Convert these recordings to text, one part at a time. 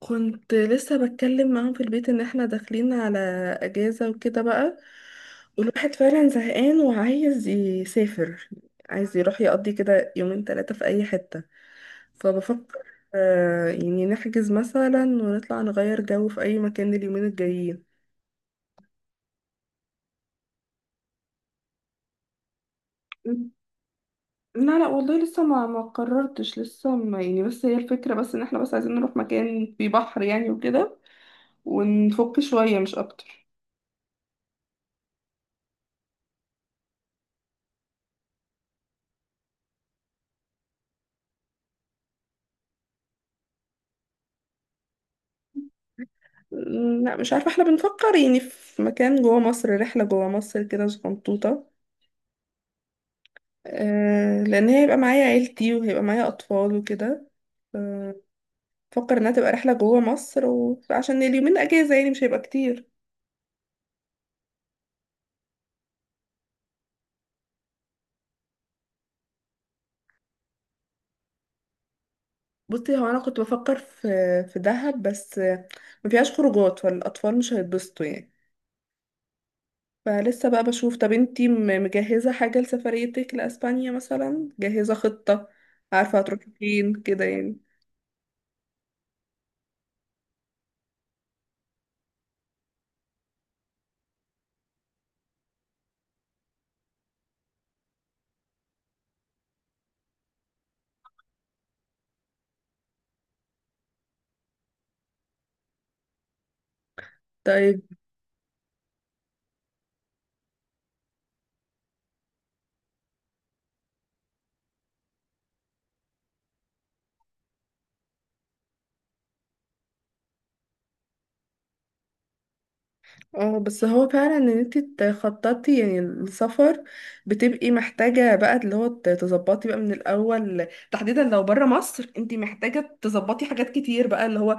كنت لسه بتكلم معاهم في البيت ان احنا داخلين على اجازة وكده بقى. والواحد فعلا زهقان وعايز يسافر، عايز يروح يقضي كده يومين ثلاثة في اي حتة. فبفكر، يعني نحجز مثلا ونطلع نغير جو في اي مكان اليومين الجايين. لا لا والله، لسه ما قررتش، لسه ما، يعني بس هي الفكرة، بس ان احنا بس عايزين نروح مكان فيه بحر يعني وكده، ونفك شوية مش اكتر. لا مش عارفة، احنا بنفكر يعني في مكان جوه مصر، رحلة جوه مصر كده صغنطوطة. آه لأن هي هيبقى معايا عيلتي وهيبقى معايا أطفال وكده. آه، بفكر إنها تبقى رحلة جوه مصر، وعشان اليومين أجازة يعني مش هيبقى كتير. بصي، هو أنا كنت بفكر في دهب، بس ما فيهاش خروجات فالأطفال مش هيتبسطوا يعني. فلسه بقى بشوف. طب انتي مجهزة حاجة لسفريتك لأسبانيا مثلا؟ جاهزة خطة، عارفة هتروحي فين كده يعني؟ طيب. اه، بس هو فعلا ان انت تخططي يعني السفر، بتبقي محتاجة بقى اللي هو تظبطي بقى من الاول، تحديدا لو برا مصر انت محتاجة تظبطي حاجات كتير بقى اللي هو،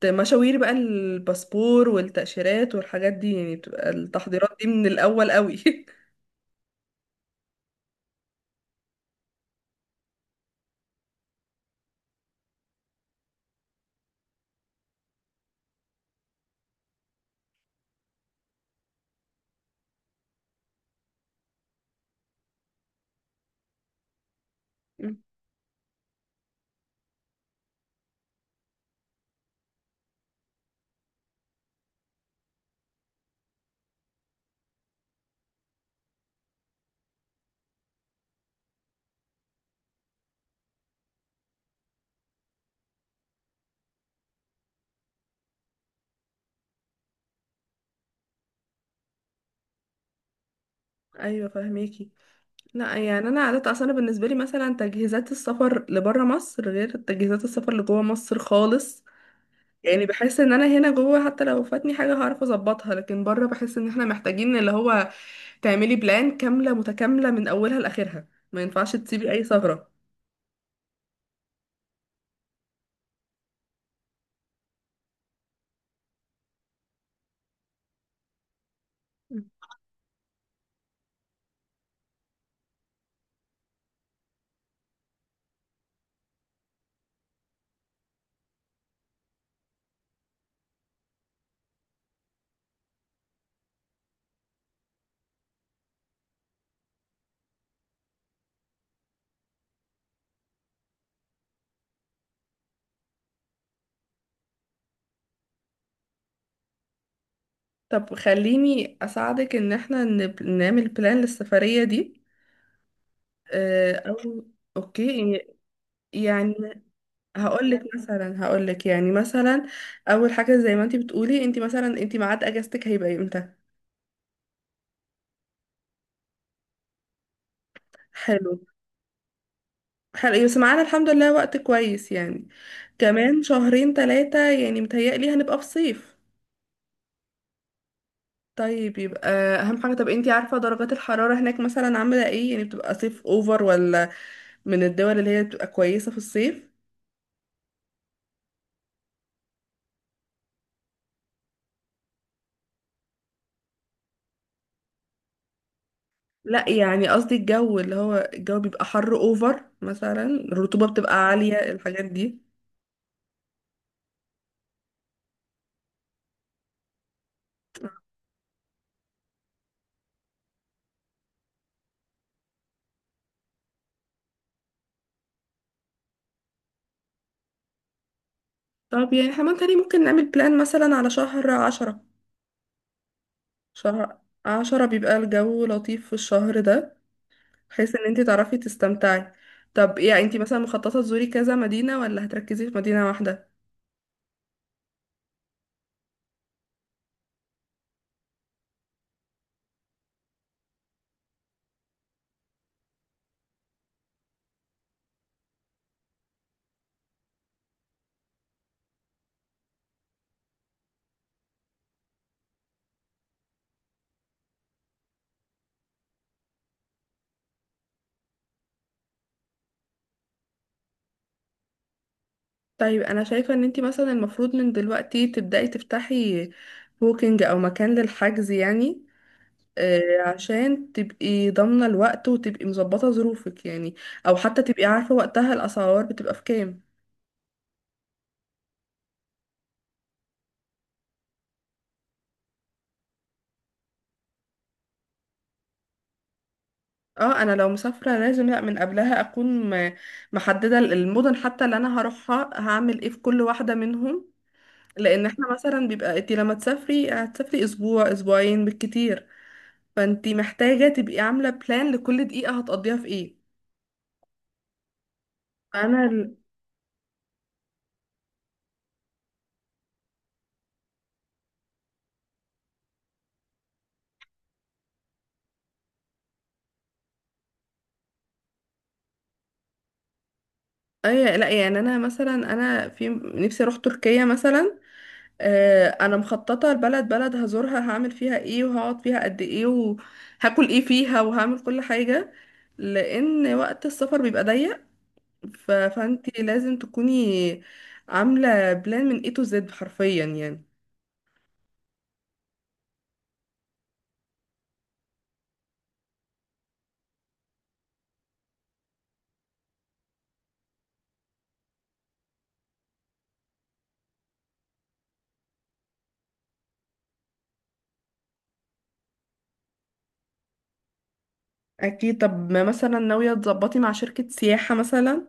مشاوير بقى، الباسبور والتأشيرات والحاجات دي يعني، بتبقى التحضيرات دي من الاول قوي. مم. ايوه فهميكي. لا يعني انا عادة اصلا بالنسبة لي مثلا تجهيزات السفر لبرا مصر غير تجهيزات السفر لجوه مصر خالص. يعني بحس ان انا هنا جوه حتى لو فاتني حاجة هعرف اظبطها، لكن بره بحس ان احنا محتاجين اللي هو تعملي بلان كاملة متكاملة من اولها لاخرها، ما ينفعش تسيبي اي ثغرة. طب خليني اساعدك ان احنا نعمل بلان للسفرية دي. آه، او اوكي. يعني هقول لك مثلا، هقول لك يعني مثلا اول حاجة زي ما انت بتقولي، انت مثلا انت ميعاد اجازتك هيبقى امتى؟ حلو. حلقة بس معانا الحمد لله وقت كويس يعني، كمان شهرين ثلاثة يعني متهيألي هنبقى في صيف. طيب يبقى أهم حاجة، طب انتي عارفة درجات الحرارة هناك مثلا عاملة ايه؟ يعني بتبقى صيف اوفر، ولا من الدول اللي هي بتبقى كويسة في الصيف؟ لا يعني قصدي الجو، اللي هو الجو بيبقى حر اوفر مثلا، الرطوبة بتبقى عالية، الحاجات دي. طب يعني احنا ممكن، نعمل بلان مثلا على شهر عشرة. شهر عشرة بيبقى الجو لطيف في الشهر ده، بحيث ان انت تعرفي تستمتعي. طب يعني انت مثلا مخططة تزوري كذا مدينة ولا هتركزي في مدينة واحدة؟ طيب انا شايفة ان انت مثلا المفروض من دلوقتي تبدأي تفتحي بوكينج او مكان للحجز يعني. عشان تبقي ضامنة الوقت وتبقي مظبطة ظروفك يعني، او حتى تبقي عارفة وقتها الاسعار بتبقى في كام. اه، انا لو مسافرة لازم، لا من قبلها اكون م- محددة المدن حتى، اللي انا هروحها هعمل ايه في كل واحدة منهم. لان احنا مثلا بيبقى انت لما تسافري هتسافري اسبوع اسبوعين بالكتير، فانت محتاجه تبقي عامله بلان لكل دقيقه هتقضيها في ايه. انا ال- اي، لا يعني انا مثلا انا في نفسي اروح تركيا مثلا. انا مخططه البلد بلد هزورها هعمل فيها ايه وهقعد فيها قد ايه وهاكل ايه فيها وهعمل كل حاجه، لان وقت السفر بيبقى ضيق. فانت لازم تكوني عامله بلان من A to Z حرفيا يعني. اكيد. طب ما مثلا ناوية تظبطي مع شركة سياحة مثلا،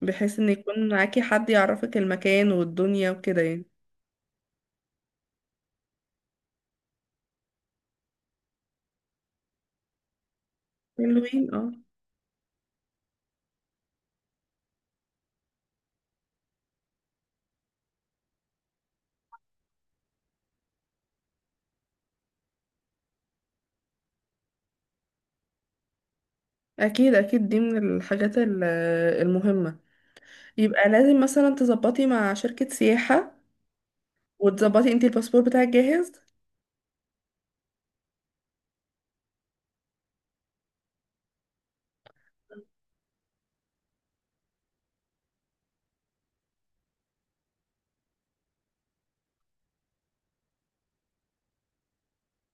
بحيث ان يكون معاكي حد يعرفك المكان والدنيا وكده يعني. حلوين اه. اكيد اكيد دي من الحاجات المهمة. يبقى لازم مثلا تظبطي مع شركة سياحة، وتظبطي انتي الباسبور بتاعك جاهز.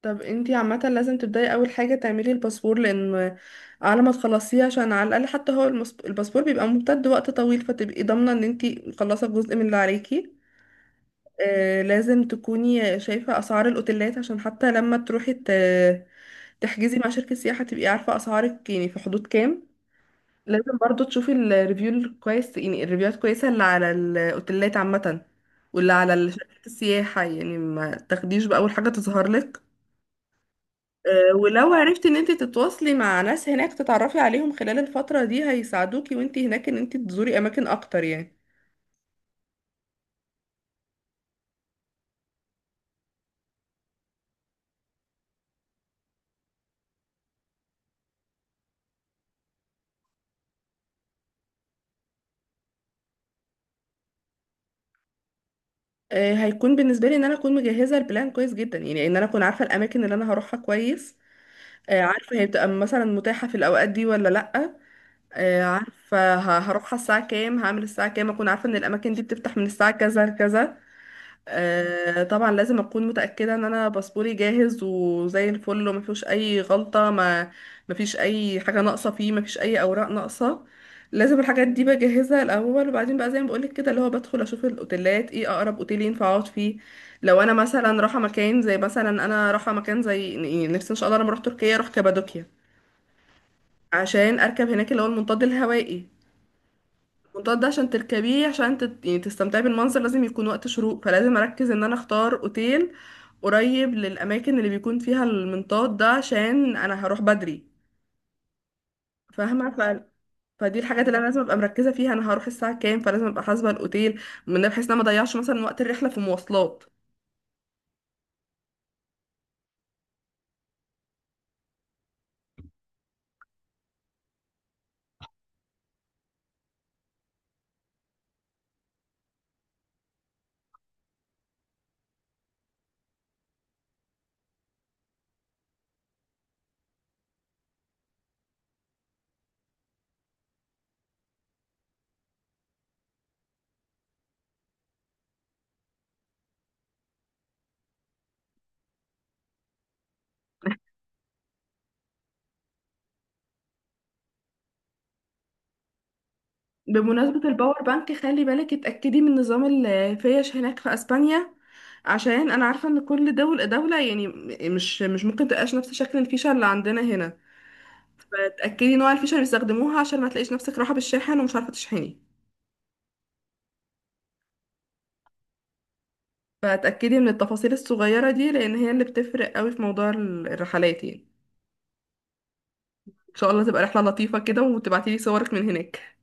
طب انتي عامة لازم تبدأي اول حاجة تعملي الباسبور، لان على ما تخلصيه، عشان على الاقل حتى هو الباسبور بيبقى ممتد وقت طويل، فتبقي ضامنة ان انتي مخلصة جزء من اللي عليكي. لازم تكوني شايفة أسعار الأوتيلات، عشان حتى لما تروحي تحجزي مع شركة سياحة تبقي عارفة أسعارك يعني في حدود كام. لازم برضو تشوفي الريفيو الكويس، يعني الريفيوهات كويسة اللي على الأوتيلات عامة، واللي على شركة السياحة يعني ما تاخديش بأول حاجة تظهر لك. ولو عرفتي ان انت تتواصلي مع ناس هناك، تتعرفي عليهم خلال الفترة دي، هيساعدوكي وانت هناك ان انت تزوري اماكن اكتر يعني. هيكون بالنسبه لي ان انا اكون مجهزه البلان كويس جدا، يعني ان انا اكون عارفه الاماكن اللي انا هروحها كويس. عارفه هي بتبقى مثلا متاحه في الاوقات دي ولا لا. عارفه هروحها الساعه كام، هعمل الساعه كام، اكون عارفه ان الاماكن دي بتفتح من الساعه كذا لكذا. طبعا لازم اكون متاكده ان انا باسبوري جاهز وزي الفل وما فيهوش اي غلطه، ما فيش اي حاجه ناقصه فيه، ما فيش اي اوراق ناقصه. لازم الحاجات دي بجهزها الاول، وبعدين بقى زي ما بقولك كده اللي هو بدخل اشوف الاوتيلات ايه، اقرب اوتيل ينفع اقعد فيه. لو انا مثلا رايحه مكان زي، مثلا انا رايحه مكان زي، يعني نفسي ان شاء الله لما اروح تركيا اروح كابادوكيا، عشان اركب هناك اللي هو المنطاد الهوائي. المنطاد ده عشان تركبيه عشان يعني تستمتعي بالمنظر، لازم يكون وقت شروق، فلازم اركز ان انا اختار اوتيل قريب للاماكن اللي بيكون فيها المنطاد ده عشان انا هروح بدري. فاهمه. فدي الحاجات اللي انا لازم ابقى مركزه فيها، انا هروح الساعه كام، فلازم ابقى حاسبه الاوتيل من ده بحيث ان انا ما اضيعش مثلا وقت الرحله في مواصلات. بمناسبة الباور بانك، خلي بالك اتأكدي من نظام الفيش هناك في اسبانيا، عشان انا عارفة ان كل دولة دولة، يعني مش ممكن تبقاش نفس شكل الفيشة اللي عندنا هنا. فتأكدي نوع الفيشة اللي بيستخدموها عشان ما تلاقيش نفسك راحة بالشاحن ومش عارفة تشحني. فتأكدي من التفاصيل الصغيرة دي لأن هي اللي بتفرق قوي في موضوع الرحلات يعني. إن شاء الله تبقى رحلة لطيفة كده وتبعتيلي صورك من هناك.